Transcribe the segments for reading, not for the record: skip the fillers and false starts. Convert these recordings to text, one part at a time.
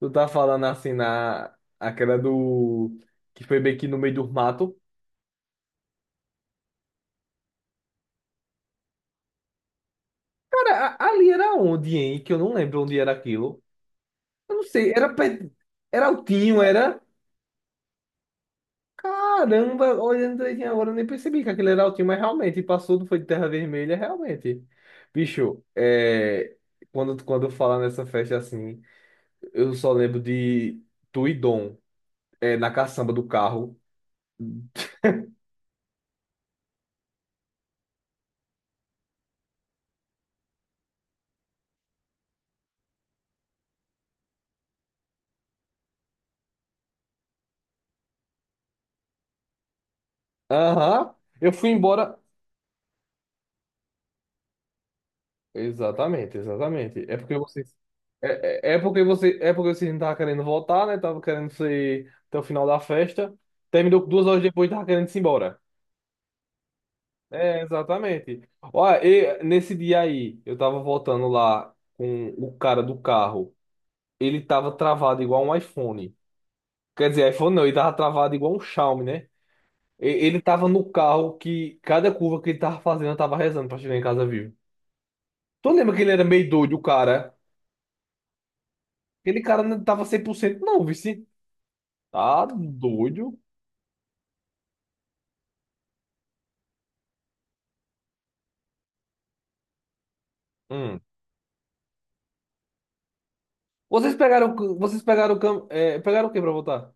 Tu tá falando assim na aquela do que foi bem aqui no meio do mato. Cara, ali era onde, hein? Que eu não lembro onde era aquilo. Eu não sei, era perto, era Altinho, era. Caramba, olhando aí agora, eu nem percebi que aquele era Altinho, mas realmente passou, do foi de terra vermelha, realmente. Bicho, é, quando falar nessa festa assim, eu só lembro de tu e Dom, é, na caçamba do carro. Aham. Eu fui embora. Exatamente, exatamente. É porque vocês. É, porque vocês não estavam querendo voltar, né? Tava querendo ser até o final da festa. Terminou que 2 horas depois, tava querendo ir embora. É, exatamente. Olha, e nesse dia aí, eu tava voltando lá com o cara do carro. Ele tava travado igual um iPhone. Quer dizer, iPhone não, ele tava travado igual um Xiaomi, né? Ele tava no carro que cada curva que ele tava fazendo, eu tava rezando pra chegar em casa vivo. Tu lembra que ele era meio doido, o cara? Aquele cara não tava 100% não, vice. Tá doido. Hum. Vocês pegaram, o cam- é, pegaram o que pra votar?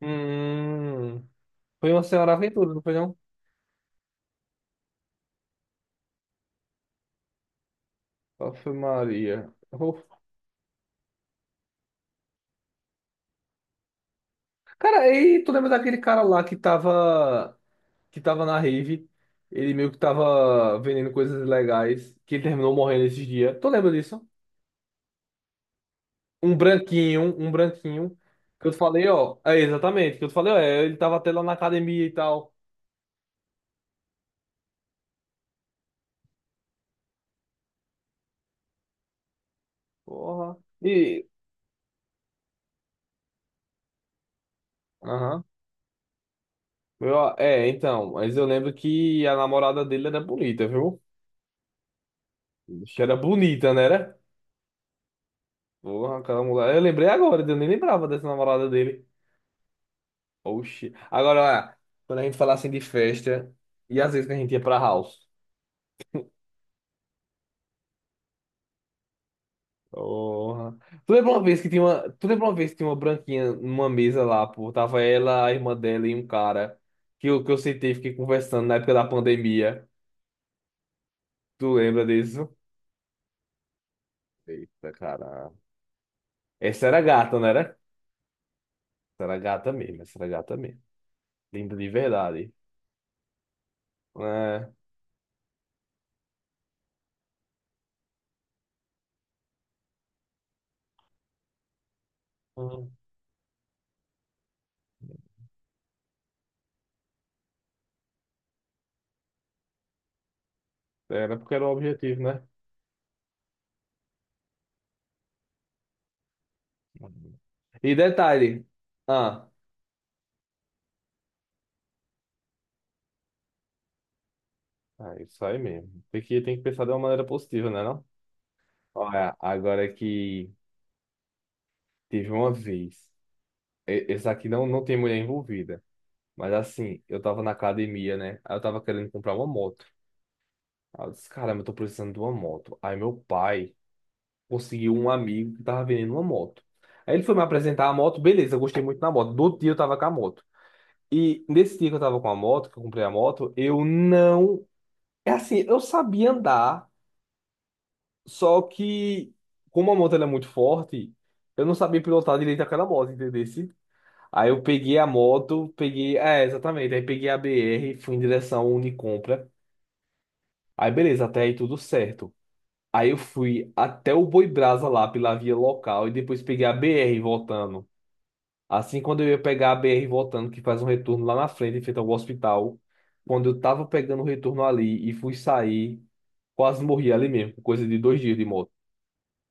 Hum. Foi uma senhora aventura, não foi não? Ave Maria. Oh. Cara, e tu lembra daquele cara lá que tava na rave? Ele meio que tava vendendo coisas ilegais, que ele terminou morrendo esses dias. Tu lembra disso? Um branquinho, um branquinho. Que eu te falei, ó. É, exatamente. Que eu te falei, ó. Ele tava até lá na academia e tal. Porra. Aham. Então, mas eu lembro que a namorada dele era bonita, viu? Bicho, era bonita, né? Era? Porra, aquela mulher. Eu lembrei agora, eu nem lembrava dessa namorada dele. Oxi. Agora, olha, quando a gente fala assim de festa, e às vezes que a gente ia pra house. Porra. Tu lembra uma vez que tinha uma branquinha numa mesa lá, pô? Tava ela, a irmã dela e um cara que eu sentei e fiquei conversando na época da pandemia. Tu lembra disso? Eita, cara. Essa era gata, né? Era gata mesmo, essa era gata mesmo. Linda de verdade. É, hum, era porque era o objetivo, né? Uhum. E detalhe. Ah, é isso aí mesmo. Tem que pensar de uma maneira positiva, né, não? Olha, agora que teve uma vez. Esse aqui não, não tem mulher envolvida. Mas assim, eu tava na academia, né? Aí eu tava querendo comprar uma moto. Aí eu disse, caramba, eu tô precisando de uma moto. Aí meu pai conseguiu um amigo que tava vendendo uma moto. Aí ele foi me apresentar a moto, beleza, eu gostei muito da moto. Do outro dia eu tava com a moto. E nesse dia que eu tava com a moto, que eu comprei a moto, eu não. É assim, eu sabia andar, só que como a moto ela é muito forte, eu não sabia pilotar direito aquela moto, entendeu? Aí eu peguei a moto, peguei. É, exatamente. Aí peguei a BR, fui em direção ao Unicompra. Aí beleza, até aí tudo certo. Aí eu fui até o Boi Brasa lá pela via local e depois peguei a BR voltando. Assim, quando eu ia pegar a BR voltando, que faz um retorno lá na frente, em frente ao hospital, quando eu tava pegando o retorno ali e fui sair, quase morri ali mesmo, por coisa de 2 dias de moto.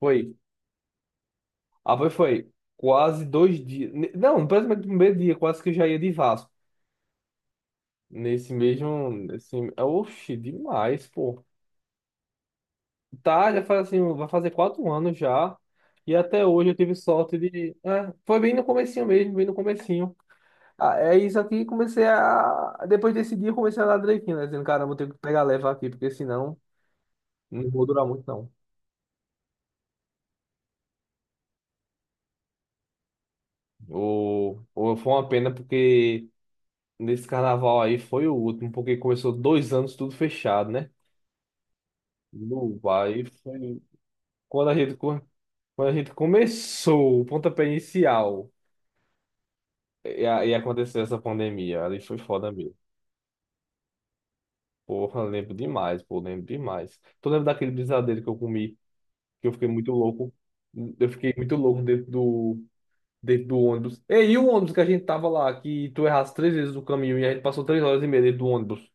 Foi, foi, quase 2 dias, não, praticamente no primeiro dia, quase que eu já ia de Vasco. Nesse mesmo, nesse, oxe, demais, pô. Tá, já faz assim, vai fazer 4 anos já, e até hoje eu tive sorte de, é, foi bem no comecinho mesmo, bem no comecinho. Ah, é isso aqui, comecei a. Depois desse dia, eu comecei a andar direitinho, né? Dizendo, caramba, vou ter que pegar leva aqui, porque senão não vou durar muito, não. Ou, foi uma pena, porque nesse carnaval aí foi o último, porque começou 2 anos tudo fechado, né? No aí foi. Quando a gente, co- quando a gente começou o pontapé inicial e, e aconteceu essa pandemia, ali foi foda mesmo. Porra, lembro demais, pô, lembro demais. Tu lembra daquele brisadeiro que eu comi? Que eu fiquei muito louco. Eu fiquei muito louco dentro do ônibus. É, e aí, o ônibus que a gente tava lá, que tu errasse três vezes o caminho e a gente passou 3 horas e meia dentro do ônibus.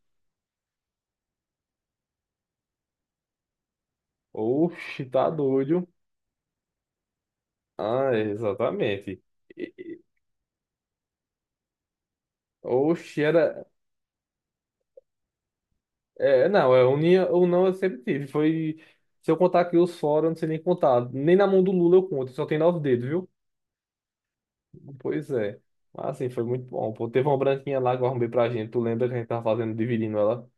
Oxi, tá doido. Ah, é, exatamente. E- e- Oxi, era. É, não, é unia ou não eu sempre tive. Foi. Se eu contar aqui os fora, eu não sei nem contar. Nem na mão do Lula eu conto, só tem nove dedos, viu? Pois é. Mas assim, foi muito bom. Pô, teve uma branquinha lá que eu arrumei pra gente. Tu lembra que a gente tava fazendo, dividindo ela?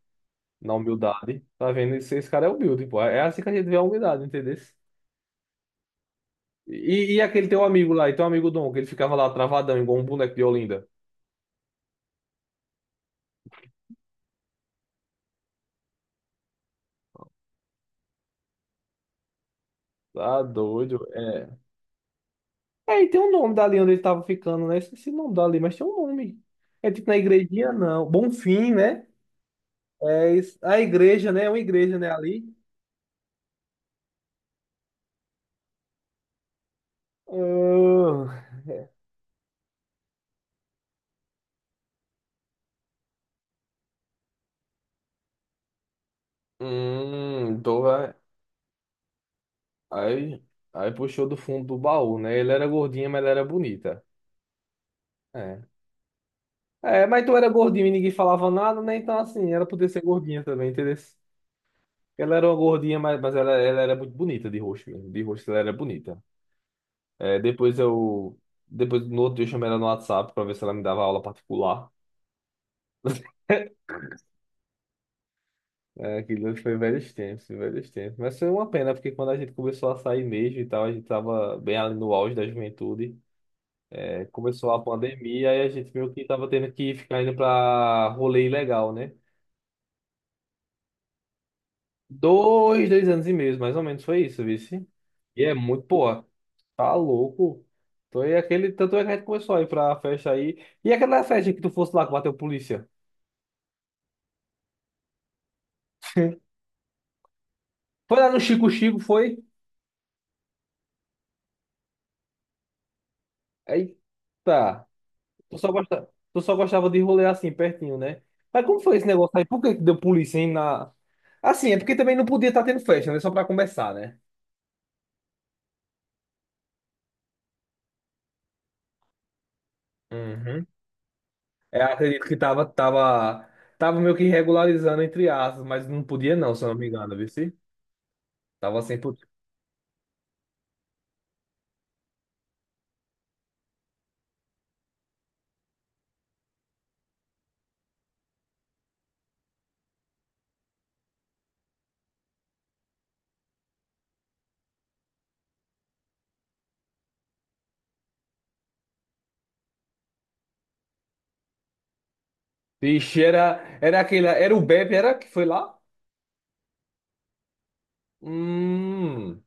Na humildade. Tá vendo? Esse cara é humilde, pô. É assim que a gente vê a humildade, entendeu? E aquele teu amigo lá, e teu amigo Dom, que ele ficava lá travadão, igual um boneco de Olinda. Tá doido? É. É, e tem um nome dali onde ele tava ficando, né? Esqueci o nome dali, mas tem um nome. É tipo na igrejinha, não. Bonfim, né? É isso. A igreja, né? É uma igreja, né? Ali. Ah. Então vai. Aí, aí puxou do fundo do baú, né? Ele era gordinha, mas ela era bonita. É. É, mas tu era gordinho e ninguém falava nada, né? Então, assim, ela podia ser gordinha também, entendeu? Ela era uma gordinha, mas ela era muito bonita de rosto mesmo. De rosto ela era bonita. É, depois eu. Depois, no outro dia, eu chamei ela no WhatsApp pra ver se ela me dava aula particular. É, aquilo foi velhos tempos, velhos tempos. Mas foi uma pena, porque quando a gente começou a sair mesmo e tal, a gente tava bem ali no auge da juventude. É, começou a pandemia e a gente meio que tava tendo que ficar indo pra rolê ilegal, né? 2 anos e meio, mais ou menos, foi isso, vice. E é muito, pô, tá louco. Então é aquele, tanto é que a gente começou a ir pra festa aí. E aquela festa que tu fosse lá que bateu polícia? Foi lá no Chico Chico, foi? Eita. Tu só gostava de rolê assim, pertinho, né? Mas como foi esse negócio aí? Por que que deu polícia, hein, na... Assim, é porque também não podia estar tendo festa, né? Só pra começar, né? Uhum. É, acredito que tava, meio que regularizando entre aspas, mas não podia não, se eu não me engano, viu? Tava sem putz. Ixi, era, aquele. Era o Bebe, era que foi lá? Hum.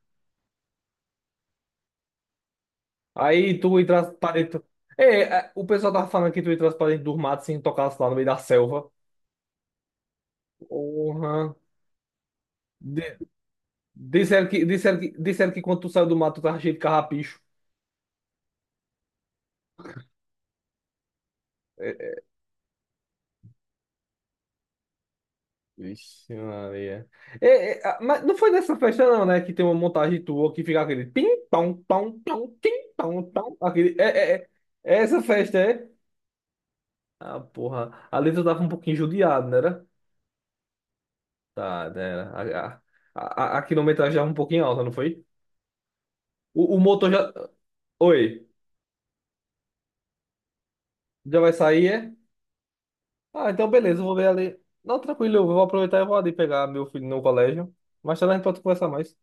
Aí tu entrasse pra dentro. É, é, o pessoal tava falando que tu entrasse pra dentro dos matos sem tocasse lá no meio da selva. Porra. De- disseram que quando tu saiu do mato tu tava cheio de carrapicho. Vixe, Maria. Mas não foi nessa festa, não, né? Que tem uma montagem tua que fica aquele tim, pão, pão, pão, tim, pão, pão. Aquele, é essa festa, é? Ah, porra. A letra tava um pouquinho judiada, não era? Tá, né, era. A quilometragem tava um pouquinho alta, não foi? O motor já. Oi, já vai sair, é? Ah, então beleza, eu vou ver ali. Não, tranquilo, eu vou aproveitar e vou ali pegar meu filho no colégio. Mais tarde a gente pode conversar mais.